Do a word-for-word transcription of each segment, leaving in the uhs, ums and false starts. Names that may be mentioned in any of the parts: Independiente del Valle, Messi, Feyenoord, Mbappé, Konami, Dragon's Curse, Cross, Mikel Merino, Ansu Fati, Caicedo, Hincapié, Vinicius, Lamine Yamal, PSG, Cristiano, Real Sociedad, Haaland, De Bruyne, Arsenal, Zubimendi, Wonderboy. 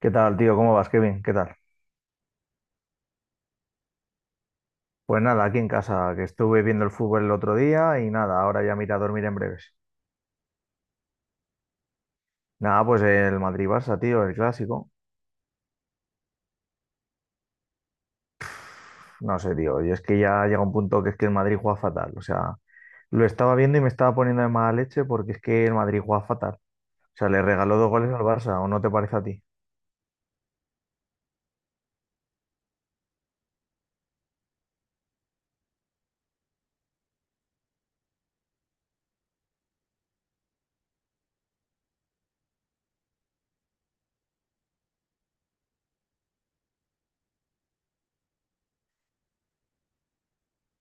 ¿Qué tal, tío? ¿Cómo vas? Qué bien, ¿qué tal? Pues nada, aquí en casa, que estuve viendo el fútbol el otro día y nada, ahora ya me iré a dormir en breves. Nada, pues el Madrid-Barça, tío, el clásico. No sé, tío, y es que ya llega un punto que es que el Madrid juega fatal. O sea, lo estaba viendo y me estaba poniendo de mala leche porque es que el Madrid juega fatal. O sea, le regaló dos goles al Barça, ¿o no te parece a ti?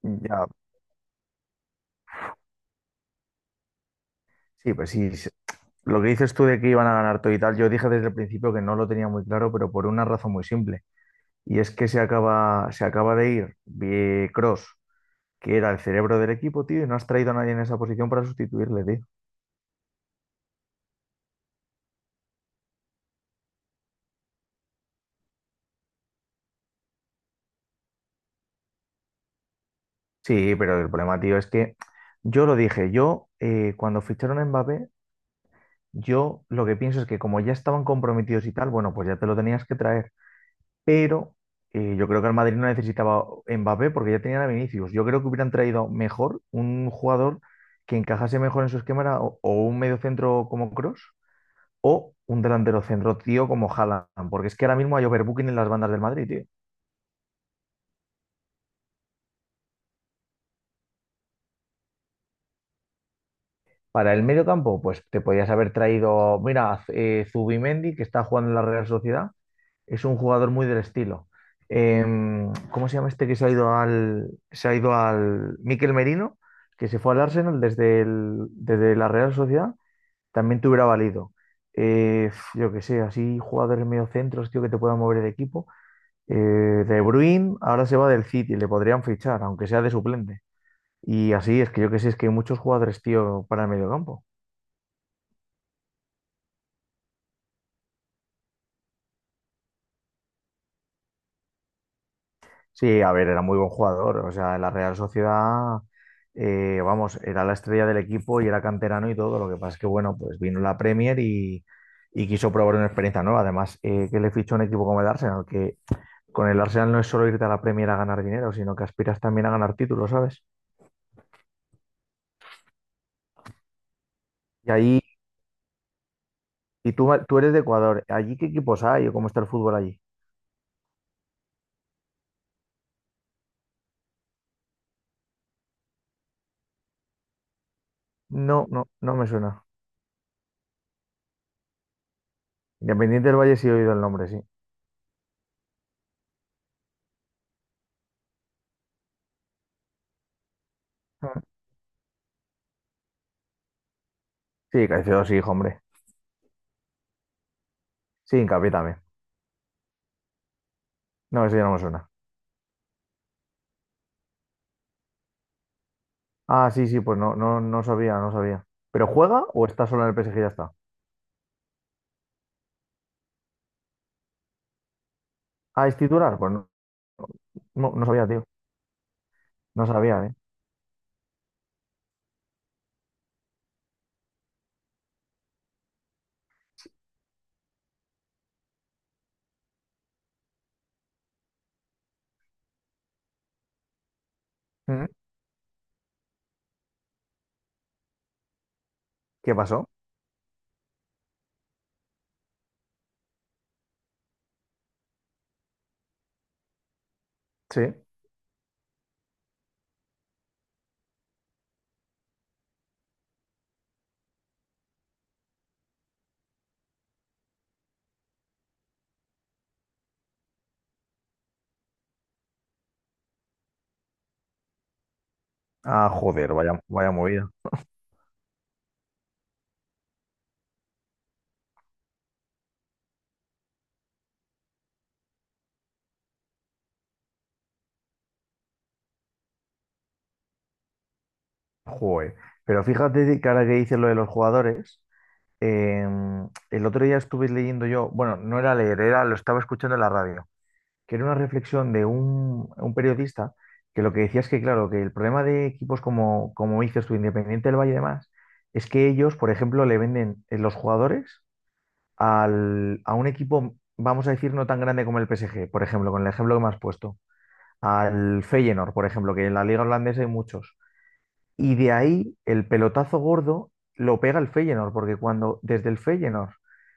Ya, sí, pues sí. Sí. Lo que dices tú de que iban a ganar todo y tal, yo dije desde el principio que no lo tenía muy claro, pero por una razón muy simple. Y es que se acaba, se acaba de ir Cross, que era el cerebro del equipo, tío, y no has traído a nadie en esa posición para sustituirle, tío. Sí, pero el problema, tío, es que yo lo dije, yo eh, cuando ficharon a Mbappé, yo lo que pienso es que como ya estaban comprometidos y tal, bueno, pues ya te lo tenías que traer, pero eh, yo creo que el Madrid no necesitaba Mbappé porque ya tenían a Vinicius. Yo creo que hubieran traído mejor un jugador que encajase mejor en su esquema, era o, o un medio centro como Cross o un delantero centro, tío, como Haaland, porque es que ahora mismo hay overbooking en las bandas del Madrid, tío. Para el medio campo, pues te podías haber traído, mira, eh, Zubimendi, que está jugando en la Real Sociedad, es un jugador muy del estilo. Em, ¿cómo se llama este que se ha ido al, se ha ido al Mikel Merino, que se fue al Arsenal desde el- desde la Real Sociedad? También te hubiera valido. Eh, yo qué sé, así jugadores mediocentros, tío, que te puedan mover el equipo. Eh, De Bruyne ahora se va del City, le podrían fichar, aunque sea de suplente. Y así es que yo qué sé, es que hay muchos jugadores, tío, para el medio campo. Sí, a ver, era muy buen jugador. O sea, en la Real Sociedad, eh, vamos, era la estrella del equipo y era canterano y todo. Lo que pasa es que, bueno, pues vino la Premier y, y quiso probar una experiencia nueva. Además, eh, que le fichó un equipo como el Arsenal, que con el Arsenal no es solo irte a la Premier a ganar dinero, sino que aspiras también a ganar títulos, ¿sabes? Y ahí, y tú, tú eres de Ecuador. ¿Allí qué equipos hay o cómo está el fútbol allí? No, no, no me suena. Independiente del Valle sí he oído el nombre, sí. Ah. Sí, Caicedo sí, hijo, hombre. Sí, Hincapié también. No, eso ya no me suena. Ah, sí, sí, pues no, no, no sabía, no sabía. ¿Pero juega o está solo en el P S G y ya está? Ah, ¿es titular? Pues no, no, no sabía, tío. No sabía, ¿eh? Mm, ¿qué pasó? Sí. Ah, joder, vaya, vaya movida. Joder. Pero fíjate que ahora que dices lo de los jugadores, em, el otro día estuve leyendo yo, bueno, no era leer, era, lo estaba escuchando en la radio. Que era una reflexión de un, un periodista, que lo que decía es que, claro, que el problema de equipos como, como dices tú, Independiente del Valle y demás, es que ellos, por ejemplo, le venden eh, los jugadores al- a un equipo, vamos a decir, no tan grande como el P S G, por ejemplo, con el ejemplo que me has puesto, al Feyenoord, por ejemplo, que en la liga holandesa hay muchos. Y de ahí el pelotazo gordo lo pega el Feyenoord, porque cuando desde el Feyenoord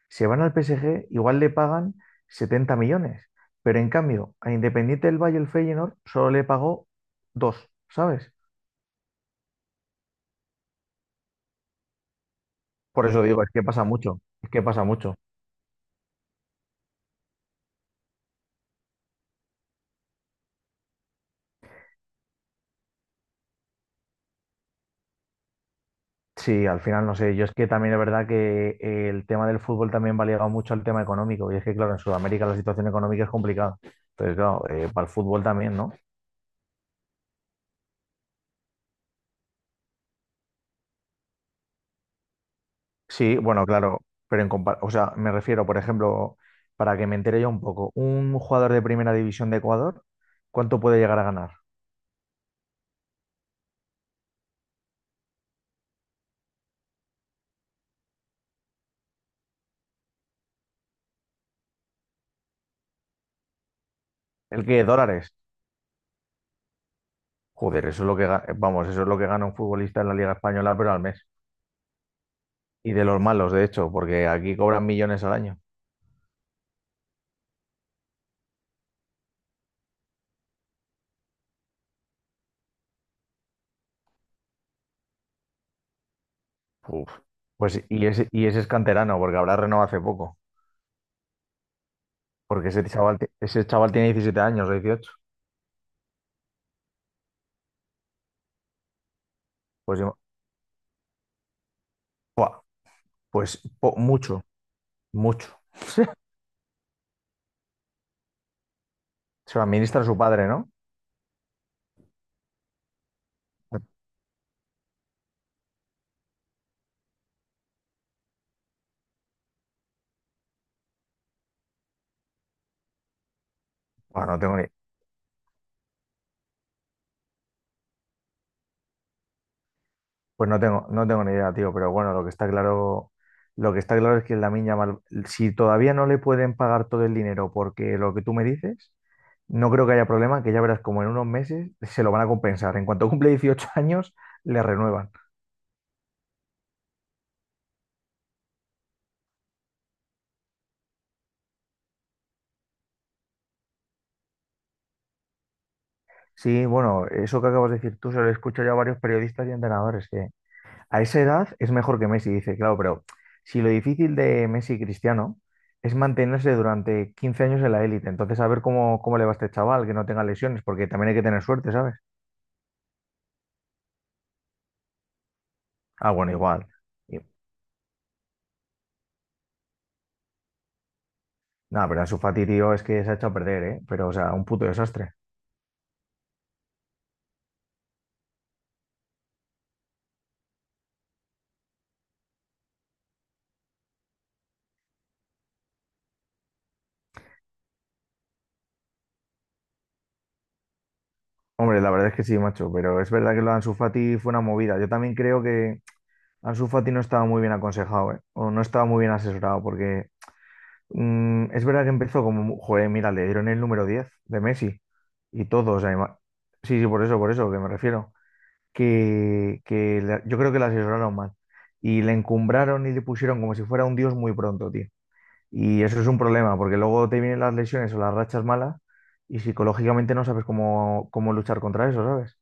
se van al P S G, igual le pagan setenta millones. Pero en cambio, a Independiente del Valle el Feyenoord solo le pagó dos, ¿sabes? Por eso digo, es que pasa mucho, es que pasa mucho. Sí, al final no sé, yo es que también es verdad que eh, el tema del fútbol también va ligado mucho al tema económico, y es que claro, en Sudamérica la situación económica es complicada. Entonces, claro, eh, para el fútbol también, ¿no? Sí, bueno, claro, pero en compar- o sea, me refiero, por ejemplo, para que me entere yo un poco, un jugador de primera división de Ecuador, ¿cuánto puede llegar a ganar? ¿El qué? ¿Dólares? Joder, eso es lo que ga- vamos, eso es lo que gana un futbolista en la Liga Española, pero al mes. Y de los malos, de hecho, porque aquí cobran millones al año. Uf. Pues y ese, y ese es canterano, porque habrá renovado hace poco, porque ese chaval, ti- ese chaval tiene diecisiete años o dieciocho. Pues, yo- ¡Buah! Pues po- mucho, mucho. Se lo administra su padre, ¿no? Buah, no tengo ni pues no tengo, no tengo ni idea, tío, pero bueno, lo que está claro, lo que está claro es que Lamine Yamal, si todavía no le pueden pagar todo el dinero porque lo que tú me dices, no creo que haya problema, que ya verás como en unos meses se lo van a compensar. En cuanto cumple dieciocho años, le renuevan. Sí, bueno, eso que acabas de decir tú se lo escucho ya a varios periodistas y entrenadores, que a esa edad es mejor que Messi, dice, claro, pero si lo difícil de Messi y Cristiano es mantenerse durante quince años en la élite, entonces a ver cómo, cómo le va a este chaval, que no tenga lesiones, porque también hay que tener suerte, ¿sabes? Ah, bueno, igual. Y- Nada, pero su Fati, tío, es que se ha hecho a perder, ¿eh? Pero, o sea, un puto desastre. Hombre, la verdad es que sí, macho, pero es verdad que lo de Ansu Fati fue una movida. Yo también creo que Ansu Fati no estaba muy bien aconsejado, ¿eh? O no estaba muy bien asesorado, porque mm, es verdad que empezó como, mu- joder, mira, le dieron el número diez de Messi y todo, o sea, ima- sí, sí, por eso, por eso, que me refiero, que, que la- yo creo que la asesoraron mal y le encumbraron y le pusieron como si fuera un dios muy pronto, tío. Y eso es un problema, porque luego te vienen las lesiones o las rachas malas y psicológicamente no sabes cómo, cómo luchar contra eso, ¿sabes?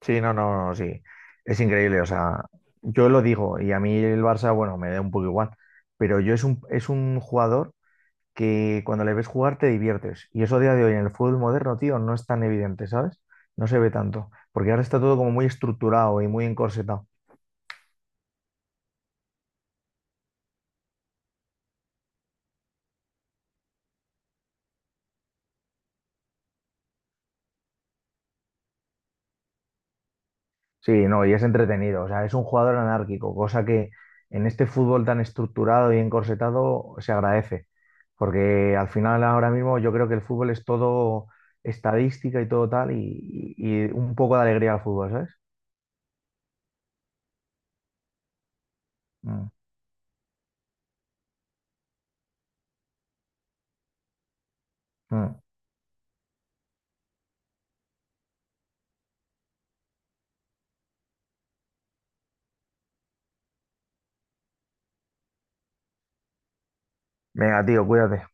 Sí, no, no, no, sí, es increíble, o sea, yo lo digo y a mí el Barça, bueno, me da un poco igual, pero yo es un, es un jugador que cuando le ves jugar te diviertes. Y eso a día de hoy en el fútbol moderno, tío, no es tan evidente, ¿sabes? No se ve tanto, porque ahora está todo como muy estructurado y muy encorsetado. Sí, no, y es entretenido, o sea, es un jugador anárquico, cosa que en este fútbol tan estructurado y encorsetado se agradece, porque al final ahora mismo yo creo que el fútbol es todo estadística y todo tal, y, y- y un poco de alegría al fútbol, ¿sabes? Mm, mm. Venga, tío, cuídate.